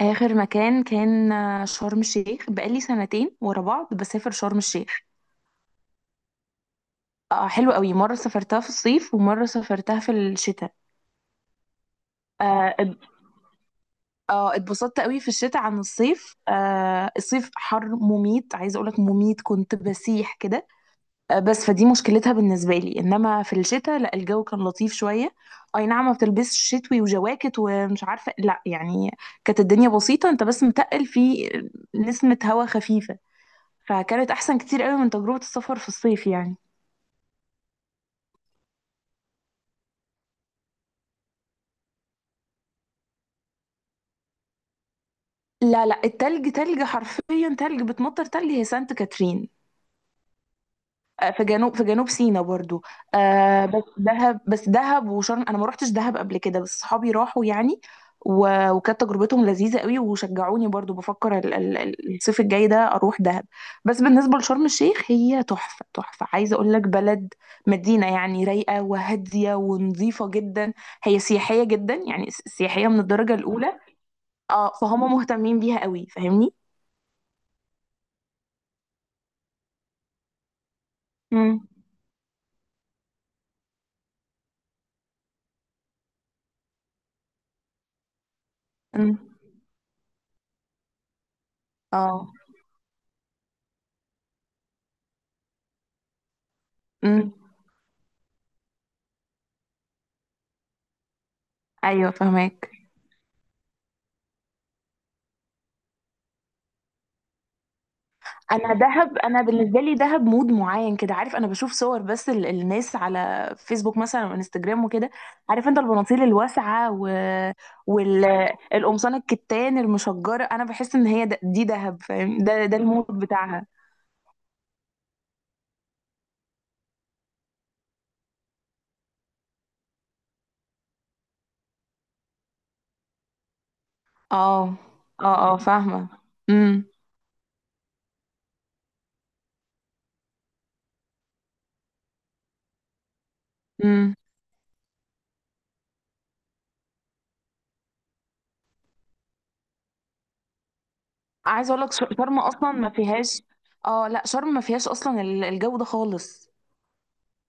آخر مكان كان شرم الشيخ، بقالي سنتين ورا بعض بسافر شرم الشيخ. آه، حلو قوي، مرة سافرتها في الصيف ومرة سافرتها في الشتاء. آه ات- اتبسطت قوي في الشتاء عن الصيف. آه، الصيف حر مميت، عايزة أقولك مميت، كنت بسيح كده آه، بس فدي مشكلتها بالنسبة لي، إنما في الشتاء لا، الجو كان لطيف شوية. أي نعم، ما بتلبسش شتوي وجواكت ومش عارفة، لا يعني كانت الدنيا بسيطة، أنت بس متقل في نسمة هوا خفيفة، فكانت احسن كتير قوي من تجربة السفر في الصيف يعني. لا لا، التلج تلج حرفيا، تلج بتمطر، تلج هي سانت كاترين. آه، في جنوب سيناء برضو. آه، بس دهب، بس دهب وشرم، انا ما روحتش دهب قبل كده، بس صحابي راحوا يعني وكانت تجربتهم لذيذة قوي، وشجعوني برضو بفكر الصيف الجاي ده اروح دهب. بس بالنسبة لشرم الشيخ، هي تحفة تحفة، عايزة اقول لك بلد، مدينة يعني رايقة وهادية ونظيفة جدا. هي سياحية جدا يعني، سياحية من الدرجة الأولى. اه، فهم مهتمين بيها قوي، فاهمني. امم. امم. اه. امم. ايوه، فهمك. انا دهب، انا بالنسبه لي دهب مود معين كده، عارف، انا بشوف صور بس الناس على فيسبوك مثلا وانستجرام وكده، عارف انت، البناطيل الواسعه والقمصان الكتان المشجره، انا بحس ان هي دي دهب، فاهم، ده المود بتاعها. اه، اه، اه، فاهمه. امم. عايزه اقول لك شرم اصلا ما فيهاش. اه لا، شرم ما فيهاش اصلا الجو ده خالص.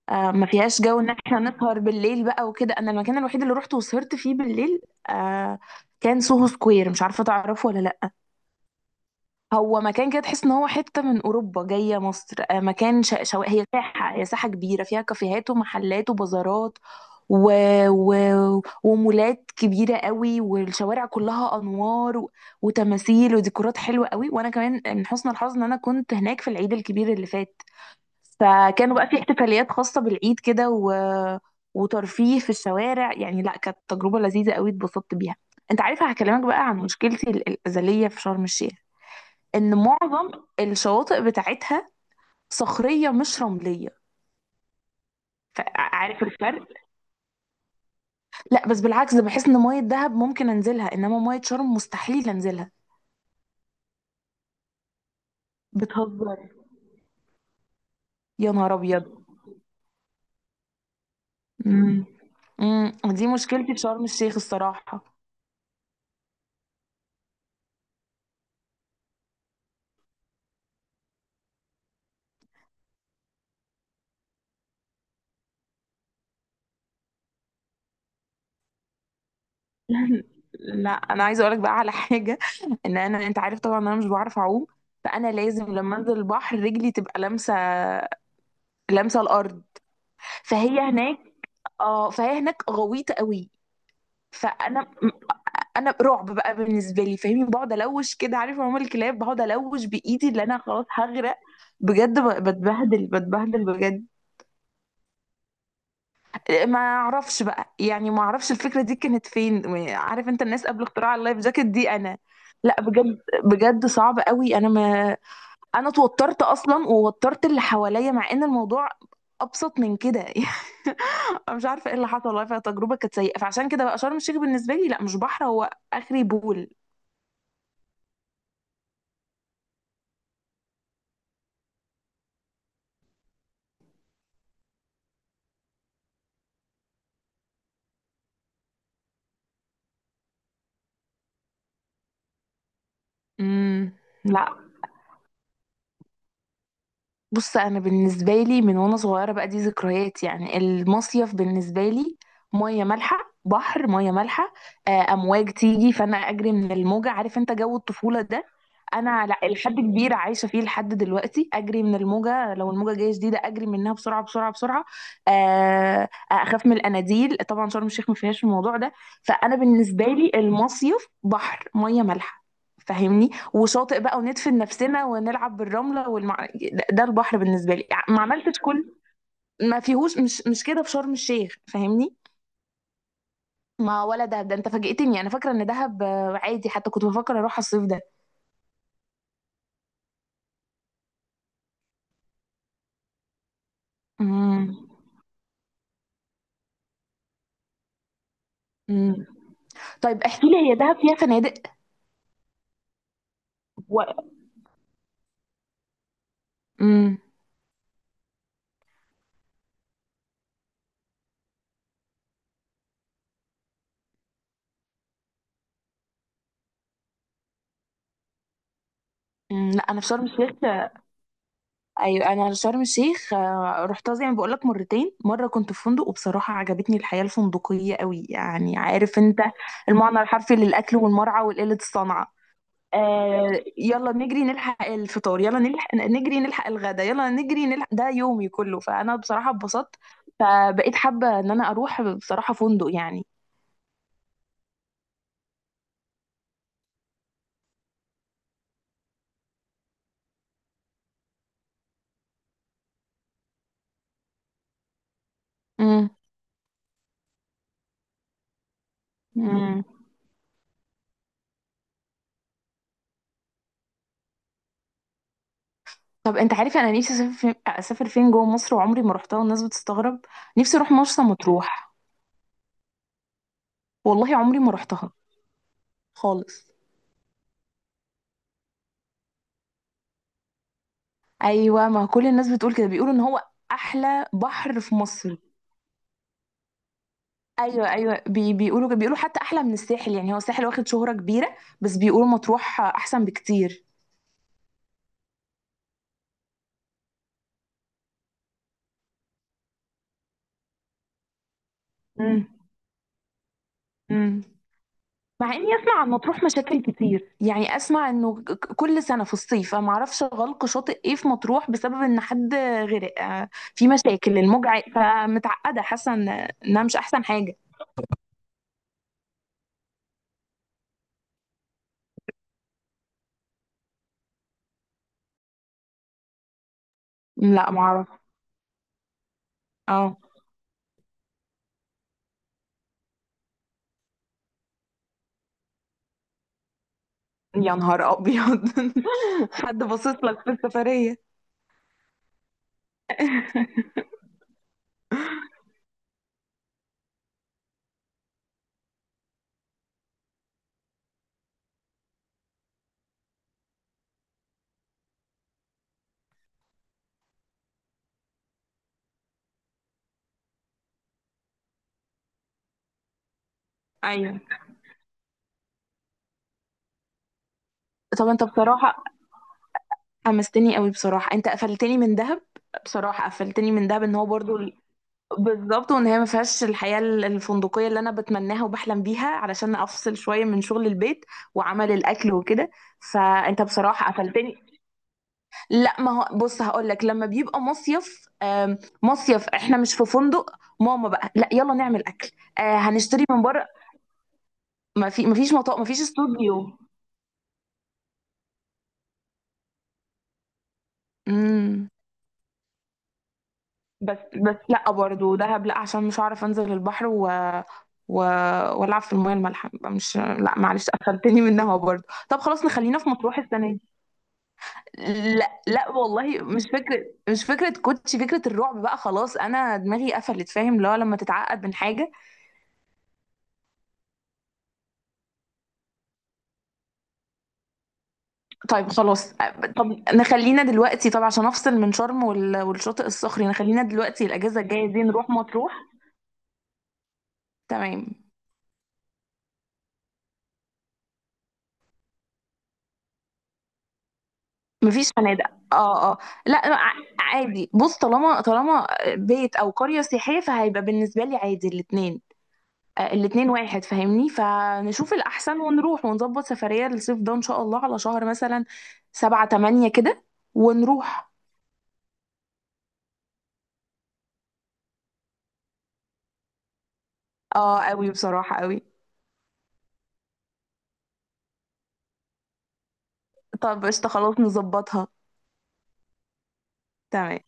آه، ما فيهاش جو ان احنا نسهر بالليل بقى وكده، انا المكان الوحيد اللي روحته وسهرت فيه بالليل آه، كان سوهو سكوير، مش عارفه تعرفه ولا لا. هو مكان كده تحس ان هو حته من اوروبا جايه مصر. آه، مكان هي ساحه كبيره فيها كافيهات ومحلات وبازارات و... و... ومولات كبيره قوي، والشوارع كلها انوار وتماثيل وديكورات حلوه قوي. وانا كمان من حسن الحظ ان انا كنت هناك في العيد الكبير اللي فات، فكانوا بقى في احتفاليات خاصه بالعيد كده وترفيه في الشوارع يعني، لا كانت تجربه لذيذه قوي، اتبسطت بيها. انت عارفه، هكلمك بقى عن مشكلتي الازليه في شرم الشيخ، ان معظم الشواطئ بتاعتها صخريه مش رمليه. عارف الفرق؟ لا بس بالعكس، ده بحس ان ميه دهب ممكن انزلها، انما ميه شرم مستحيل انزلها. بتهزر؟ يا نهار ابيض. امم. امم، دي مشكلتي في شرم الشيخ الصراحه. لا انا عايزه اقولك بقى على حاجه، ان انا، انت عارف طبعا انا مش بعرف اعوم، فانا لازم لما انزل البحر رجلي تبقى لامسه الارض. فهي هناك اه فهي هناك غويطه قوي. فانا، انا رعب بقى بالنسبه لي، فاهمني، بقعد الوش كده، عارف عموم الكلاب، بقعد الوش بايدي اللي انا خلاص هغرق. بجد، بتبهدل بتبهدل بجد. ما اعرفش بقى يعني، ما اعرفش الفكره دي كانت فين. عارف انت الناس قبل اختراع اللايف جاكيت دي انا، لا بجد، بجد صعب قوي. انا ما انا اتوترت اصلا ووترت اللي حواليا مع ان الموضوع ابسط من كده يعني. انا مش عارفه ايه اللي حصل والله، فالتجربه كانت سيئه، فعشان كده بقى شرم الشيخ بالنسبه لي لا، مش بحر، هو اخري بول. امم. لا بص، انا بالنسبه لي من وانا صغيره بقى، دي ذكريات يعني، المصيف بالنسبه لي ميه مالحه، بحر، ميه مالحه. آه، امواج تيجي فانا اجري من الموجه، عارف انت جو الطفوله ده، انا لحد كبير عايشه فيه لحد دلوقتي، اجري من الموجه، لو الموجه جايه شديده اجري منها بسرعه بسرعه بسرعه. آه، اخاف من الاناديل، طبعا شرم الشيخ ما فيهاش الموضوع ده. فانا بالنسبه لي المصيف بحر، ميه مالحه، فاهمني، وشاطئ بقى، وندفن نفسنا ونلعب بالرملة ده البحر بالنسبة لي، ما عملتش كل ما فيهوش مش كده في شرم الشيخ فاهمني. ما ولا دهب، ده انت فاجئتني، انا فاكرة ان دهب آه، عادي، حتى كنت بفكر اروح الصيف ده. امم. امم. طيب احكي لي، هي دهب فيها فنادق و... امم. أمم، لا انا في شرم الشيخ. ايوه انا في شرم الشيخ، آه، رحتها زي ما بقول لك مرتين، مره كنت في فندق وبصراحه عجبتني الحياه الفندقيه قوي يعني، عارف انت، المعنى الحرفي للاكل والمرعى وقله الصنعه. آه. يلا نجري نلحق الفطار، يلا نلحق، نجري نلحق الغدا، يلا نجري نلحق، ده يومي كله، فأنا بصراحة اتبسطت، فبقيت حابة إن أنا أروح بصراحة فندق يعني. امم. امم. طب أنت عارف، أنا نفسي أسافر فين، أسافر فين جوه مصر وعمري ما روحتها والناس بتستغرب. نفسي أروح مرسى مطروح. والله عمري ما روحتها خالص. أيوة، ما كل الناس بتقول كده، بيقولوا إن هو أحلى بحر في مصر. ايوه ايوه، بيقولوا بيقولوا حتى احلى من الساحل يعني، هو الساحل واخد شهرة كبيرة، بس بيقولوا مطروح احسن بكتير. امم. امم. مع اني اسمع عن مطروح مشاكل كتير يعني، اسمع انه كل سنة في الصيف انا معرفش غلق شاطئ ايه في مطروح بسبب ان حد غرق آه، في مشاكل الموج فمتعقدة حاسة انها مش احسن حاجة. لا معرفش. اه. يا نهار ابيض. حد باصص لك في السفرية. ايوه. طب انت بصراحة حمستني قوي بصراحة، انت قفلتني من دهب، بصراحة قفلتني من دهب ان هو برضو بالظبط، وان هي ما فيهاش الحياة الفندقية اللي انا بتمناها وبحلم بيها علشان افصل شوية من شغل البيت وعمل الاكل وكده، فانت بصراحة قفلتني. لا ما هو بص هقول لك، لما بيبقى مصيف آم، مصيف احنا مش في فندق، ماما بقى لا، يلا نعمل اكل. آه، هنشتري من بره. ما فيش مطاق، ما فيش استوديو. بس بس لا، برضه دهب لا، عشان مش هعرف انزل البحر و... والعب في المياه المالحه، يبقى مش، لا معلش، قفلتني منها برضه. طب خلاص نخلينا في مطروح السنه دي. لا لا والله، مش فكره، مش فكره كوتش، فكره الرعب بقى خلاص، انا دماغي قفلت، فاهم، اللي هو لما تتعقد من حاجه. طيب خلاص. طب نخلينا دلوقتي، طب عشان افصل من شرم والشاطئ الصخري، نخلينا دلوقتي الاجازه الجايه دي نروح مطروح. تمام. مفيش فنادق. اه اه، لا عادي بص، طالما طالما بيت او قرية سياحية، فهيبقى بالنسبة لي عادي الاتنين. آه، الاتنين واحد فاهمني، فنشوف الأحسن ونروح ونظبط سفرية للصيف ده إن شاء الله، على شهر مثلا 7 8 كده، ونروح. اه قوي بصراحة قوي. طب قشطة خلاص نظبطها. تمام.